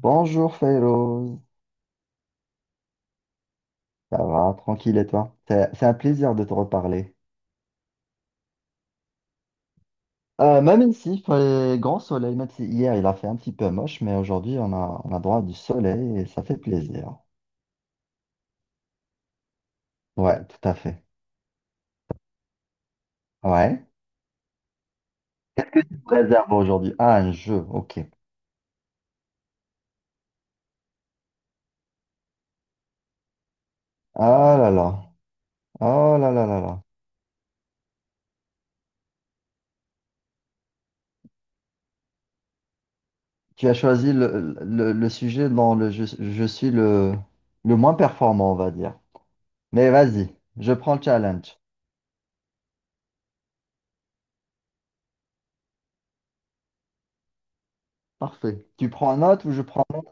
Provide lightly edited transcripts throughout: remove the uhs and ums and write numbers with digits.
Bonjour Fellows, ça va, tranquille et toi? C'est un plaisir de te reparler. Même ici, il fait grand soleil, même si hier il a fait un petit peu moche, mais aujourd'hui on a droit à du soleil et ça fait plaisir. Ouais, tout à fait. Ouais. Réserve aujourd'hui. Ah, un jeu, ok. Ah là là, oh là là là là. Tu as choisi le sujet dont je suis le moins performant, on va dire. Mais vas-y, je prends le challenge. Parfait. Tu prends note ou je prends note?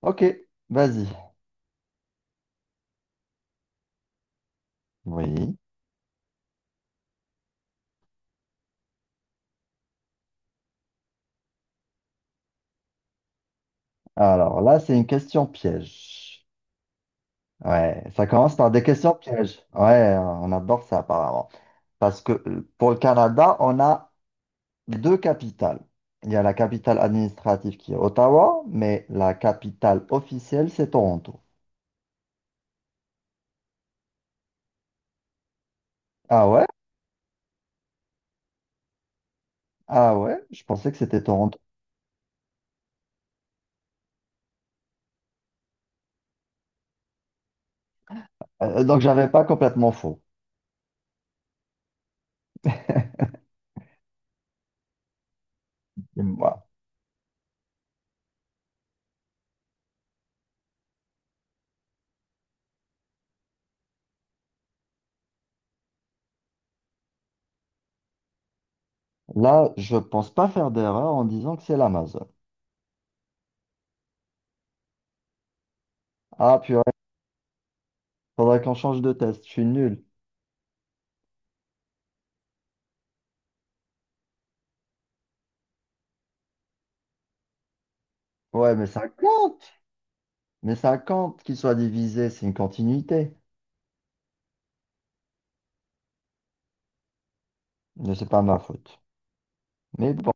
Ok, vas-y. Oui. Alors là, c'est une question piège. Ouais, ça commence par des questions pièges. Ouais, on adore ça apparemment. Parce que pour le Canada, on a deux capitales. Il y a la capitale administrative qui est Ottawa, mais la capitale officielle, c'est Toronto. Ah ouais? Ah ouais? Je pensais que c'était Toronto. Donc, j'avais pas complètement faux. Voilà. Là, je pense pas faire d'erreur en disant que c'est l'Amazon. Ah, puis faudrait qu'on change de test. Je suis nul. Ouais, mais ça compte. Mais 50 qui soit divisé, c'est une continuité. Mais c'est pas ma faute. Mais bon,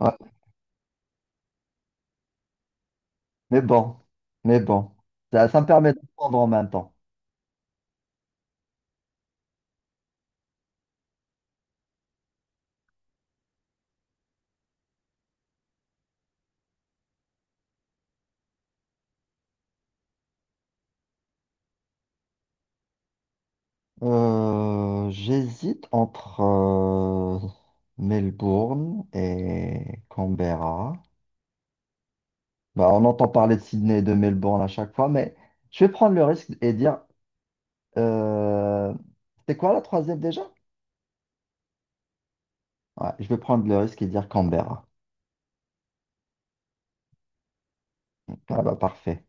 ouais. Mais bon, mais bon. Ça me permet de prendre en même temps. J'hésite entre Melbourne et Canberra. Bah, on entend parler de Sydney et de Melbourne à chaque fois, mais je vais prendre le risque et dire euh, c'est quoi la troisième déjà? Ouais, je vais prendre le risque et dire Canberra. Ah bah parfait.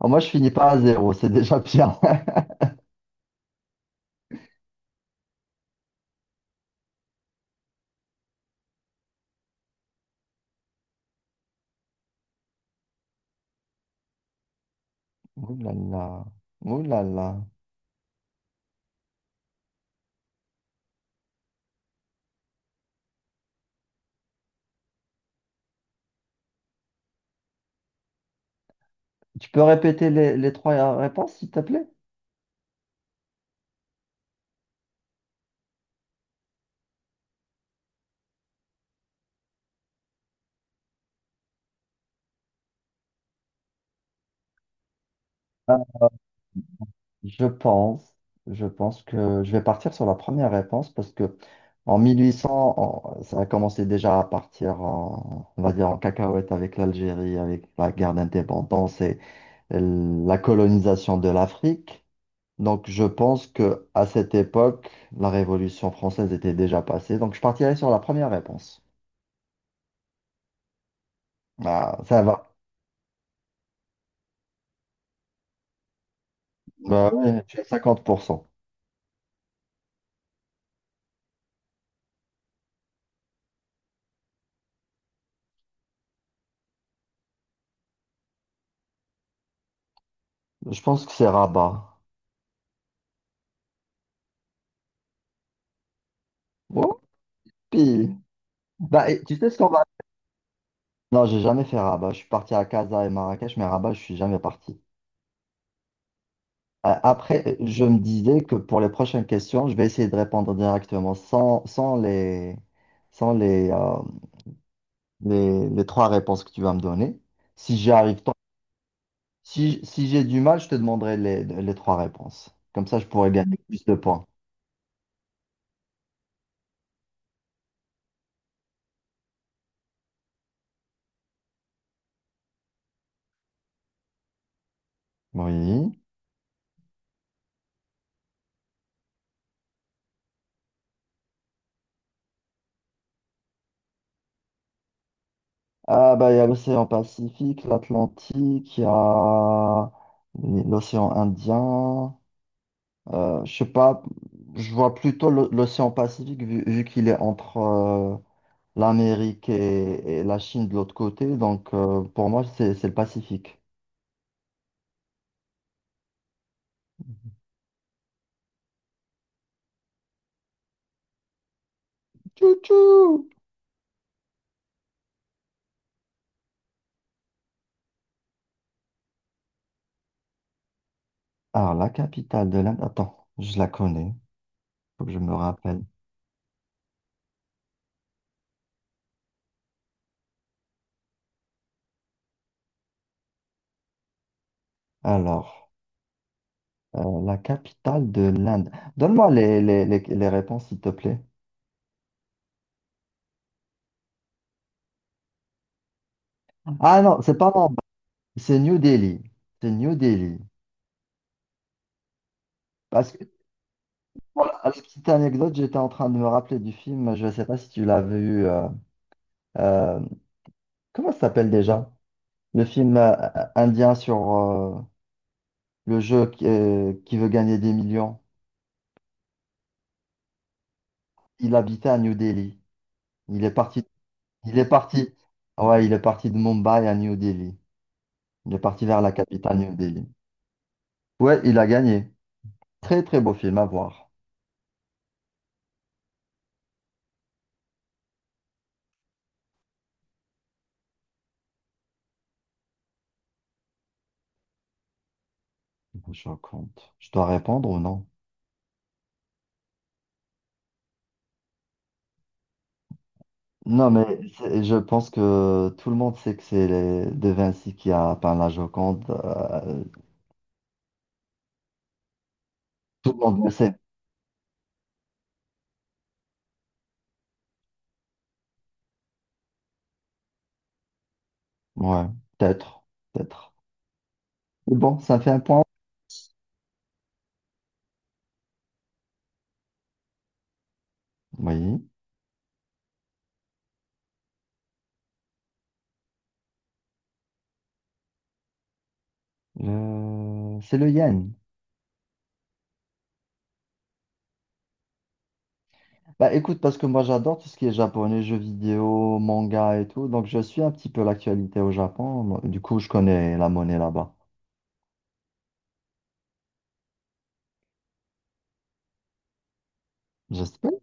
Au moins, je finis pas à zéro, c'est déjà bien. Ouh là là. Ouh là là. Tu peux répéter les trois réponses, s'il te plaît? Je pense, je pense que je vais partir sur la première réponse parce que en 1800, ça a commencé déjà à partir en, on va dire en cacahuète avec l'Algérie, avec la guerre d'indépendance et la colonisation de l'Afrique. Donc je pense que à cette époque, la Révolution française était déjà passée. Donc je partirai sur la première réponse. Ah, ça va. Bah, ouais, tu as 50%. Je pense que c'est Rabat. Whoopi. Bah, et tu sais ce qu'on va... Non, j'ai jamais fait Rabat. Je suis parti à Casa et Marrakech, mais Rabat, je suis jamais parti. Après, je me disais que pour les prochaines questions, je vais essayer de répondre directement sans sans les, euh, les trois réponses que tu vas me donner. Si j'y arrive, si j'ai du mal, je te demanderai les trois réponses. Comme ça, je pourrais gagner plus de points. Oui. Ah bah il y a l'océan Pacifique, l'Atlantique, il y a l'océan Indien. Je sais pas, je vois plutôt l'océan Pacifique vu qu'il est entre l'Amérique et la Chine de l'autre côté. Donc pour moi c'est le Pacifique. Tchou-tchou! Alors la capitale de l'Inde, attends, je la connais, faut que je me rappelle. Alors la capitale de l'Inde. Donne-moi les réponses s'il te plaît. Ah non, c'est pas. C'est New Delhi. C'est New Delhi. Parce que, pour la petite anecdote, j'étais en train de me rappeler du film, je ne sais pas si tu l'as vu, euh, comment ça s'appelle déjà? Le film indien sur le jeu qui veut gagner des millions. Il habitait à New Delhi. Il est parti, il est parti, ouais, il est parti de Mumbai à New Delhi. Il est parti vers la capitale New Delhi. Ouais, il a gagné. Très, très beau film à voir. Je raconte. Je dois répondre ou non? Non, mais je pense que tout le monde sait que c'est De Vinci qui a peint la Joconde. Tout le monde le sait. Ouais, peut-être, peut-être. Mais bon, ça fait un point. Oui, c'est le yen. Bah écoute, parce que moi j'adore tout ce qui est japonais, jeux vidéo, manga et tout, donc je suis un petit peu l'actualité au Japon. Moi, du coup, je connais la monnaie là-bas. J'espère.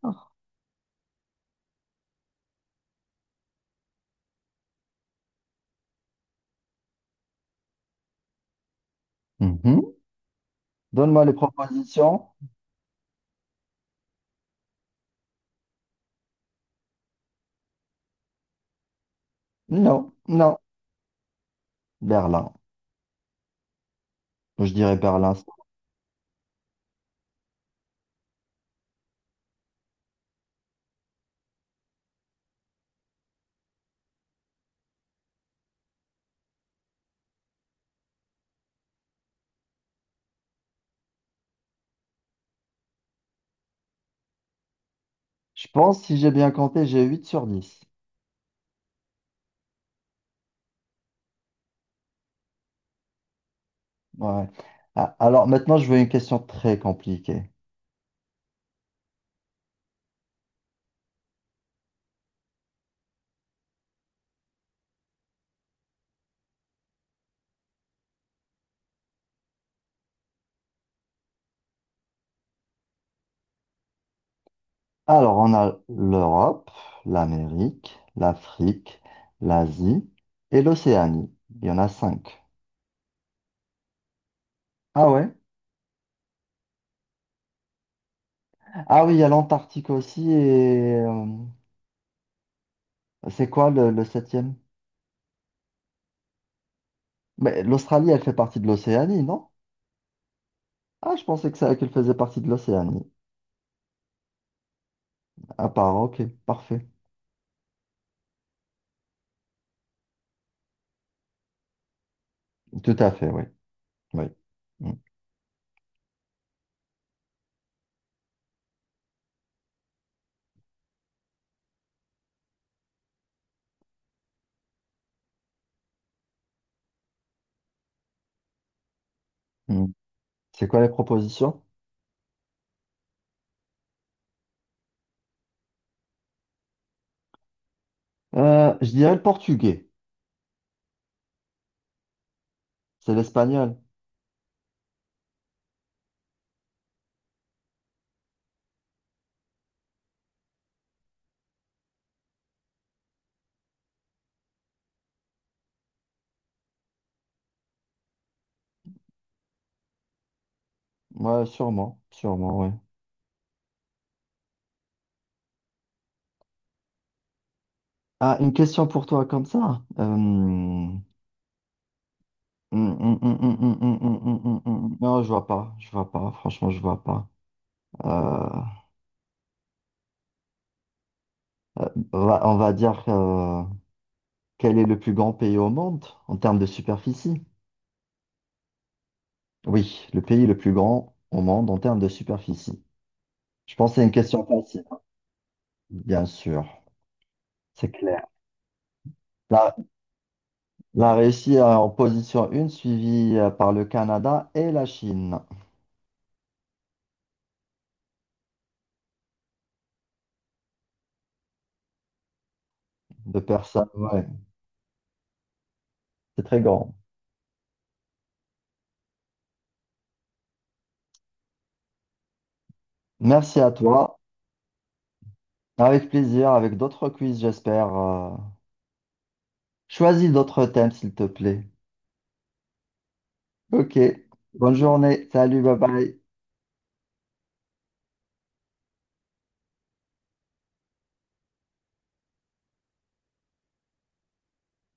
Mhm. Donne-moi les propositions. Non, non. Berlin. Je dirais Berlin. Je pense, si j'ai bien compté, j'ai 8 sur 10. Ouais. Ah, alors maintenant, je veux une question très compliquée. Alors, on a l'Europe, l'Amérique, l'Afrique, l'Asie et l'Océanie. Il y en a 5. Ah ouais? Ah oui, il y a l'Antarctique aussi et c'est quoi le septième? Mais l'Australie, elle fait partie de l'Océanie, non? Ah, je pensais que ça, qu'elle faisait partie de l'Océanie. À part, ok, parfait. Tout à fait, oui. Oui. Mm, mm. C'est quoi les propositions? Je dirais le portugais. C'est l'espagnol. Ouais, sûrement. Sûrement, ouais. Ah, une question pour toi comme ça. Non, je vois pas. Je vois pas. Franchement, je vois pas. Euh, on va dire quel est le plus grand pays au monde en termes de superficie? Oui, le pays le plus grand au monde en termes de superficie. Je pense que c'est une question facile, hein. Bien sûr, c'est clair. Là. La Russie est en position une suivie par le Canada et la Chine. De personnes, ouais, c'est très grand. Merci à toi. Avec plaisir, avec d'autres quiz, j'espère. Choisis d'autres thèmes, s'il te plaît. Ok. Bonne journée. Salut, bye bye.